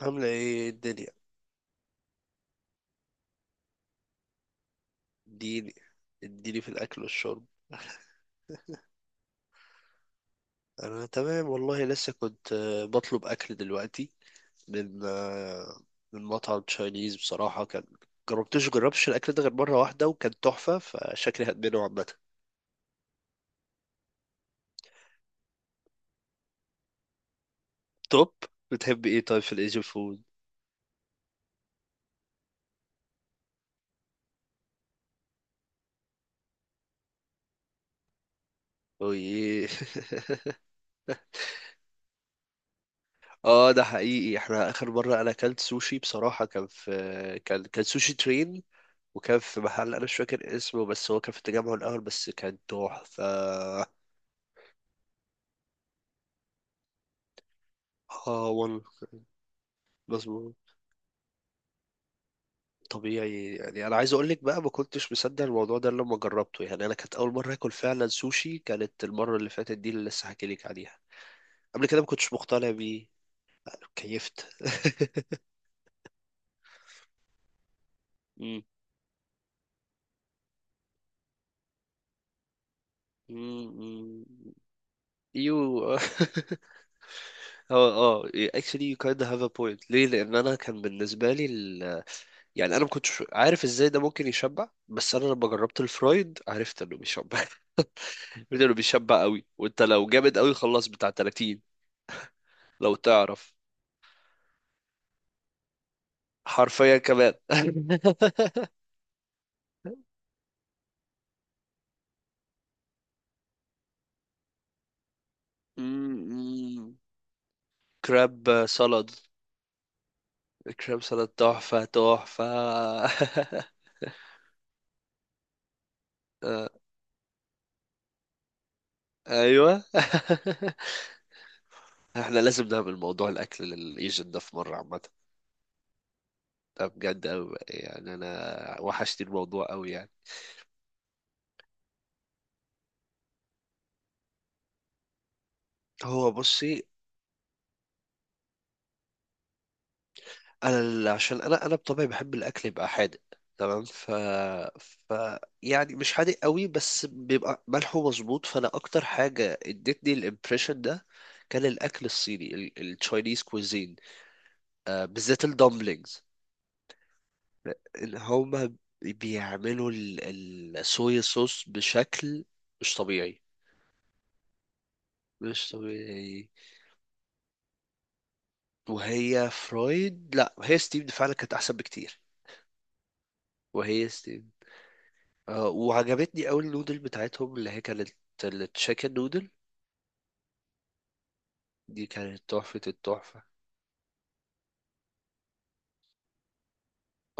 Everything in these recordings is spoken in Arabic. عاملة ايه الدنيا؟ اديني اديني في الأكل والشرب. أنا تمام والله، لسه كنت بطلب أكل دلوقتي من آه، من مطعم تشاينيز. بصراحة كان جربتش الأكل ده غير مرة واحدة وكان تحفة، فشكلي هدمنه عامة. توب. بتحب ايه طيب في الإيجن فود؟ اوه. اه، ده حقيقي. احنا آخر مرة أنا أكلت سوشي بصراحة، كان سوشي ترين، وكان في محل أنا مش فاكر اسمه، بس هو كان في التجمع الأول، بس كان تحفة. اه والله. بس طبيعي يعني، انا عايز اقول لك بقى، ما كنتش مصدق الموضوع ده لما جربته. يعني انا كانت اول مره اكل فعلا سوشي، كانت المره اللي فاتت دي اللي لسه حكي لك عليها. قبل كده ما كنتش مقتنع بيه. كيفت. مم. مم. يو. اه، اه. Actually you kinda have a point. ليه؟ لان انا كان بالنسبه لي يعني انا ما كنتش عارف ازاي ده ممكن يشبع، بس انا لما جربت الفرايد عرفت انه بيشبع. انه بيشبع قوي. وانت لو جامد قوي خلاص بتاع 30، لو تعرف. حرفيا كمان. مم. كراب سالاد. كراب سالاد تحفة تحفة. آه، أيوة. احنا لازم نعمل موضوع الأكل للإيجن ده في مرة عامة. ده بجد أوي، يعني أنا وحشتني الموضوع أوي يعني. هو بصي، عشان انا بطبعي بحب الاكل يبقى حادق، تمام. ف... ف يعني مش حادق قوي، بس بيبقى ملحه مظبوط. فانا اكتر حاجه ادتني الامبريشن ده كان الاكل الصيني، التشاينيز كوزين. بالذات الدمبلينجز. ان هما بيعملوا الصويا صوص بشكل مش طبيعي. مش طبيعي. وهي فرويد، لا هي ستيفد فعلا كانت احسن بكتير. وهي، وعجبتني قوي النودل بتاعتهم اللي هي كانت التشيكن نودل. دي كانت تحفة التحفة.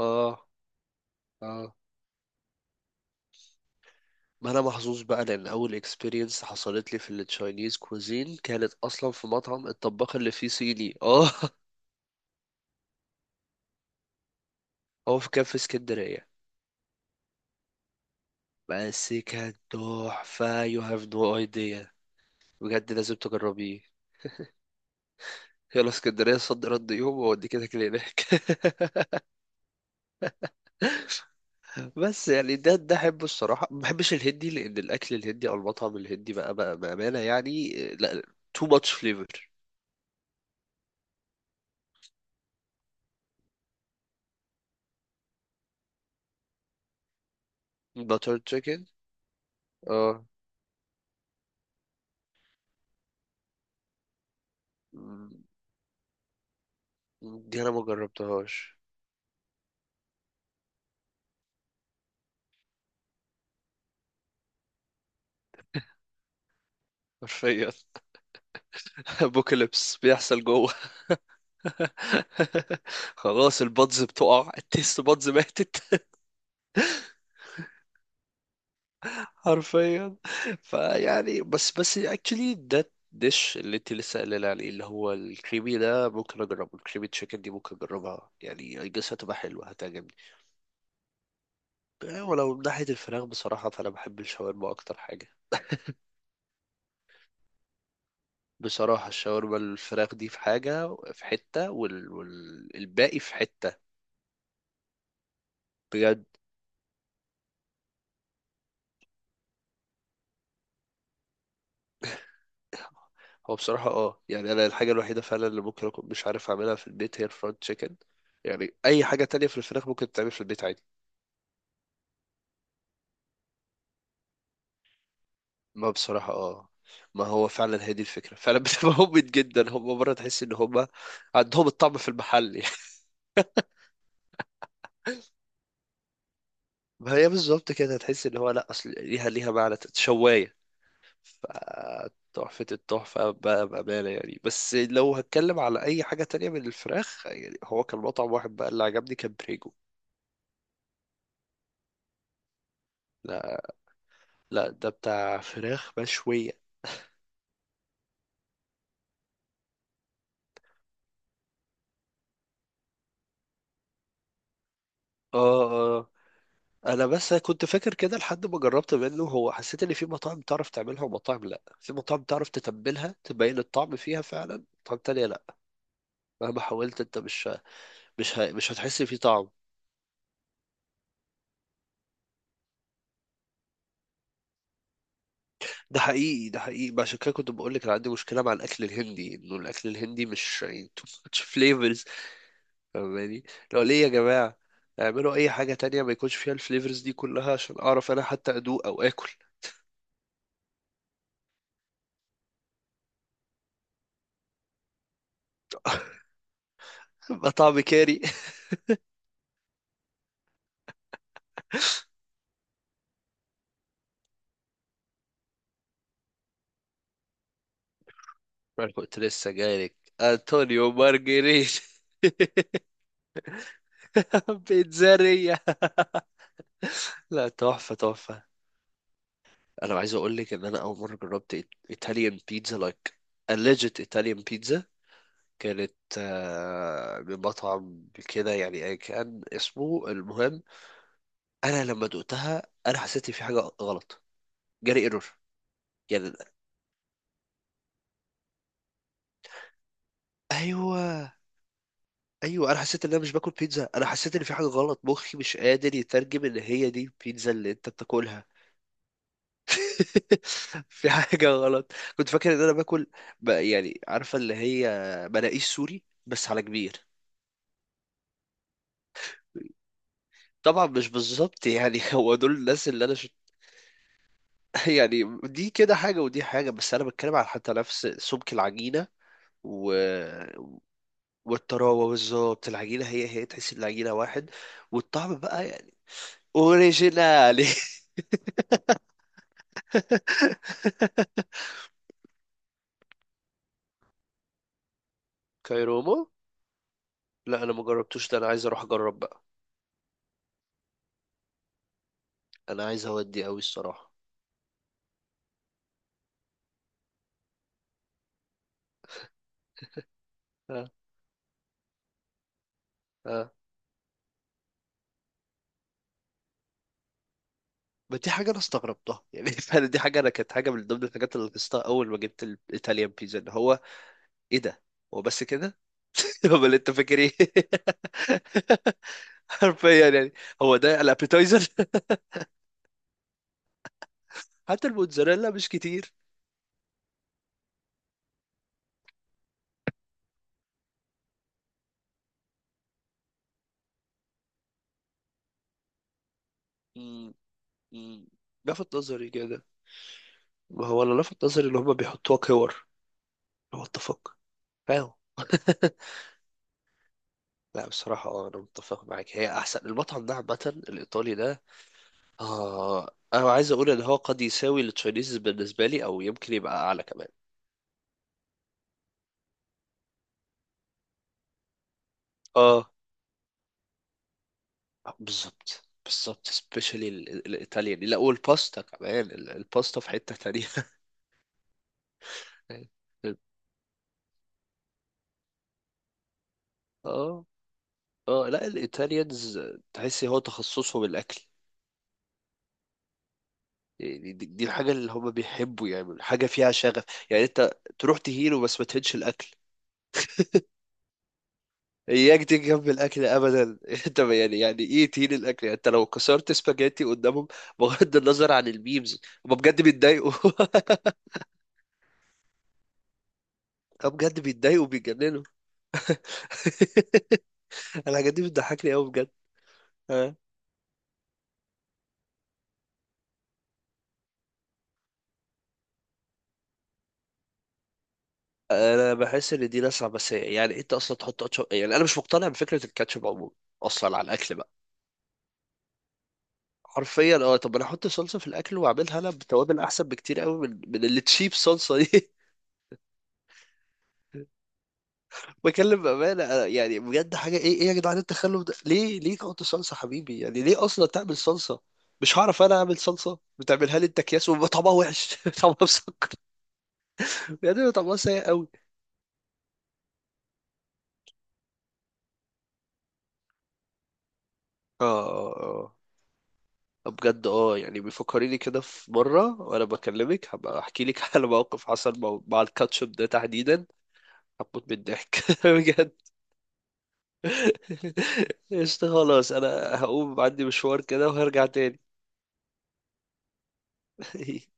اه، اه. ما انا محظوظ بقى، لان اول اكسبيرينس حصلت لي في التشاينيز كوزين كانت اصلا في مطعم الطباخ اللي فيه صيني. اه. هو في كان في اسكندرية، بس كان تحفة. You have no idea. بجد لازم تجربيه. يلا اسكندرية صد رد يوم واوديك كده هناك. بس يعني ده احبه الصراحه. ما بحبش الهندي، لان الاكل الهندي او المطعم الهندي بقى, بامانه يعني لا. Too much flavor. Butter chicken. اه. مم، دي انا ما جربتهاش. حرفيا. ابوكاليبس بيحصل جوه. خلاص البادز بتقع، التيست بادز ماتت. حرفيا. فيعني بس اكشلي ده ديش اللي انت لسه قايله عليه، اللي هو الكريمي ده، ممكن اجربه. الكريمي تشيكن دي ممكن اجربها يعني. I guess هتبقى حلوه هتعجبني. يعني ولو من ناحية الفراخ بصراحة، فأنا بحب الشاورما أكتر حاجة. بصراحة الشاورما الفراخ دي في حاجة في حتة، والباقي الباقي في حتة. بجد. هو بصراحة يعني أنا الحاجة الوحيدة فعلا اللي ممكن أكون مش عارف أعملها في البيت هي الفرايد تشيكن. يعني أي حاجة تانية في الفراخ ممكن تتعمل في البيت عادي. ما بصراحة اه. ما هو فعلا هي دي الفكرة، فعلا بتبقى هوبت جدا. هم مرة تحس إن هم عندهم الطعم في المحل. يعني ما هي بالظبط كده، تحس إن هو لأ، أصل ليها معنى شواية. فتحفة التحفة بقى بأمانة يعني. بس لو هتكلم على أي حاجة تانية من الفراخ يعني، هو كان مطعم واحد بقى اللي عجبني كان بريجو. لا. لا، ده بتاع فراخ مشوية. اه، اه. أنا بس كنت فاكر كده لحد ما جربت منه. هو حسيت إن في مطاعم تعرف تعملها ومطاعم لأ. في مطاعم تعرف تتبلها، تبين الطعم فيها فعلا، مطاعم تانية لأ. مهما حاولت أنت مش مش هتحس فيه طعم. ده حقيقي، ده حقيقي بقى. عشان كده كنت بقول لك انا عندي مشكله مع الاكل الهندي، انه الاكل الهندي مش يعني too much flavors. فاهماني؟ لو ليه يا جماعه، اعملوا اي حاجه تانية ما يكونش فيها الفليفرز دي كلها عشان اعرف انا حتى ادوق او اكل. يبقى طعم كاري. انا كنت لسه جايلك. انطونيو مارجريت. بيتزارية. لا تحفه تحفه. انا عايز اقول لك ان انا اول مره جربت ايطاليان بيتزا لايك a legit Italian pizza، كانت بمطعم كده يعني أيا كان اسمه المهم. انا لما دقتها انا حسيت إن في حاجه غلط. جالي ايرور. يعني، ايوه، ايوه. انا حسيت ان انا مش باكل بيتزا. انا حسيت ان في حاجه غلط، مخي مش قادر يترجم ان هي دي البيتزا اللي انت بتاكلها. في حاجه غلط. كنت فاكر ان انا باكل يعني عارفه اللي هي مناقيش، سوري، بس على كبير. طبعا مش بالظبط يعني. هو دول الناس اللي انا. يعني دي كده حاجة ودي حاجة، بس أنا بتكلم على حتى نفس سمك العجينة و... والطراوة بالظبط. العجينة هي تحس إن العجينة واحد، والطعم بقى يعني أوريجينالي. كايرومو. لا أنا ما جربتوش ده، أنا عايز أروح أجرب بقى. أنا عايز أودي أوي الصراحة. آه. آه. ما دي حاجة أنا استغربتها يعني. فعلا دي حاجة أنا، كانت حاجة من ضمن الحاجات اللي لاحظتها أول ما جبت الإيطاليان بيتزا إن هو إيه ده؟ هو بس كده؟ هو اللي أنت فاكر إيه؟ حرفيا يعني. هو ده الابيتايزر. حتى الموتزاريلا مش كتير. مم، مم. لفت نظري كده. ما هو اللي لفت نظري اللي هما بيحطوها كور. هو اتفق. فاهم. لا بصراحة أنا متفق معاك. هي أحسن المطعم ده عامة، الإيطالي ده. أنا عايز أقول إن هو قد يساوي التشاينيز بالنسبة لي، أو يمكن يبقى أعلى كمان. اه. بالظبط بالظبط. سبيشالي الإيطاليان، لا، والباستا كمان، الباستا في حتة تانية. اه، اه. لا الايطاليانز تحسي هو تخصصهم الاكل. يعني دي الحاجه اللي هم بيحبوا يعملوا حاجه فيها شغف. يعني انت تروح تهيله بس ما تهينش الاكل. اياك تيجي جنب الاكل ابدا. انت يعني ايه تهين الاكل؟ يعني انت لو كسرت سباجيتي قدامهم، بغض النظر عن الميمز، هم بجد بيتضايقوا. هم بجد بيتضايقوا وبيتجننوا. الحاجات دي بتضحكني قوي بجد. اه. انا بحس ان دي ناس عبثيه. يعني انت اصلا تحط يعني انا مش مقتنع بفكره الكاتشب عموما، اصلا على الاكل بقى. حرفيا، طب انا احط صلصه في الاكل واعملها انا بتوابل، احسن بكتير قوي من اللي تشيب صلصه دي. بكلم بامانه أنا يعني بجد، حاجه، ايه ايه يا جدعان التخلف ده؟ ليه ليه تحط صلصه حبيبي؟ يعني ليه اصلا تعمل صلصه؟ مش هعرف انا اعمل صلصه، بتعملها لي انت اكياس وبيبقى طعمها وحش. طعمها مسكر يعني، بيبقى طعمها سيء قوي. اه، اه، اه بجد، اه يعني بيفكريني كده. في مره وانا بكلمك هبقى احكي لك على موقف حصل مع الكاتشب ده تحديدا. هموت من الضحك. قشطة، خلاص انا هقوم عندي مشوار كده وهرجع تاني.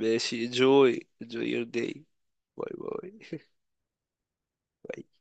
ماشي. Enjoy your day. باي. باي.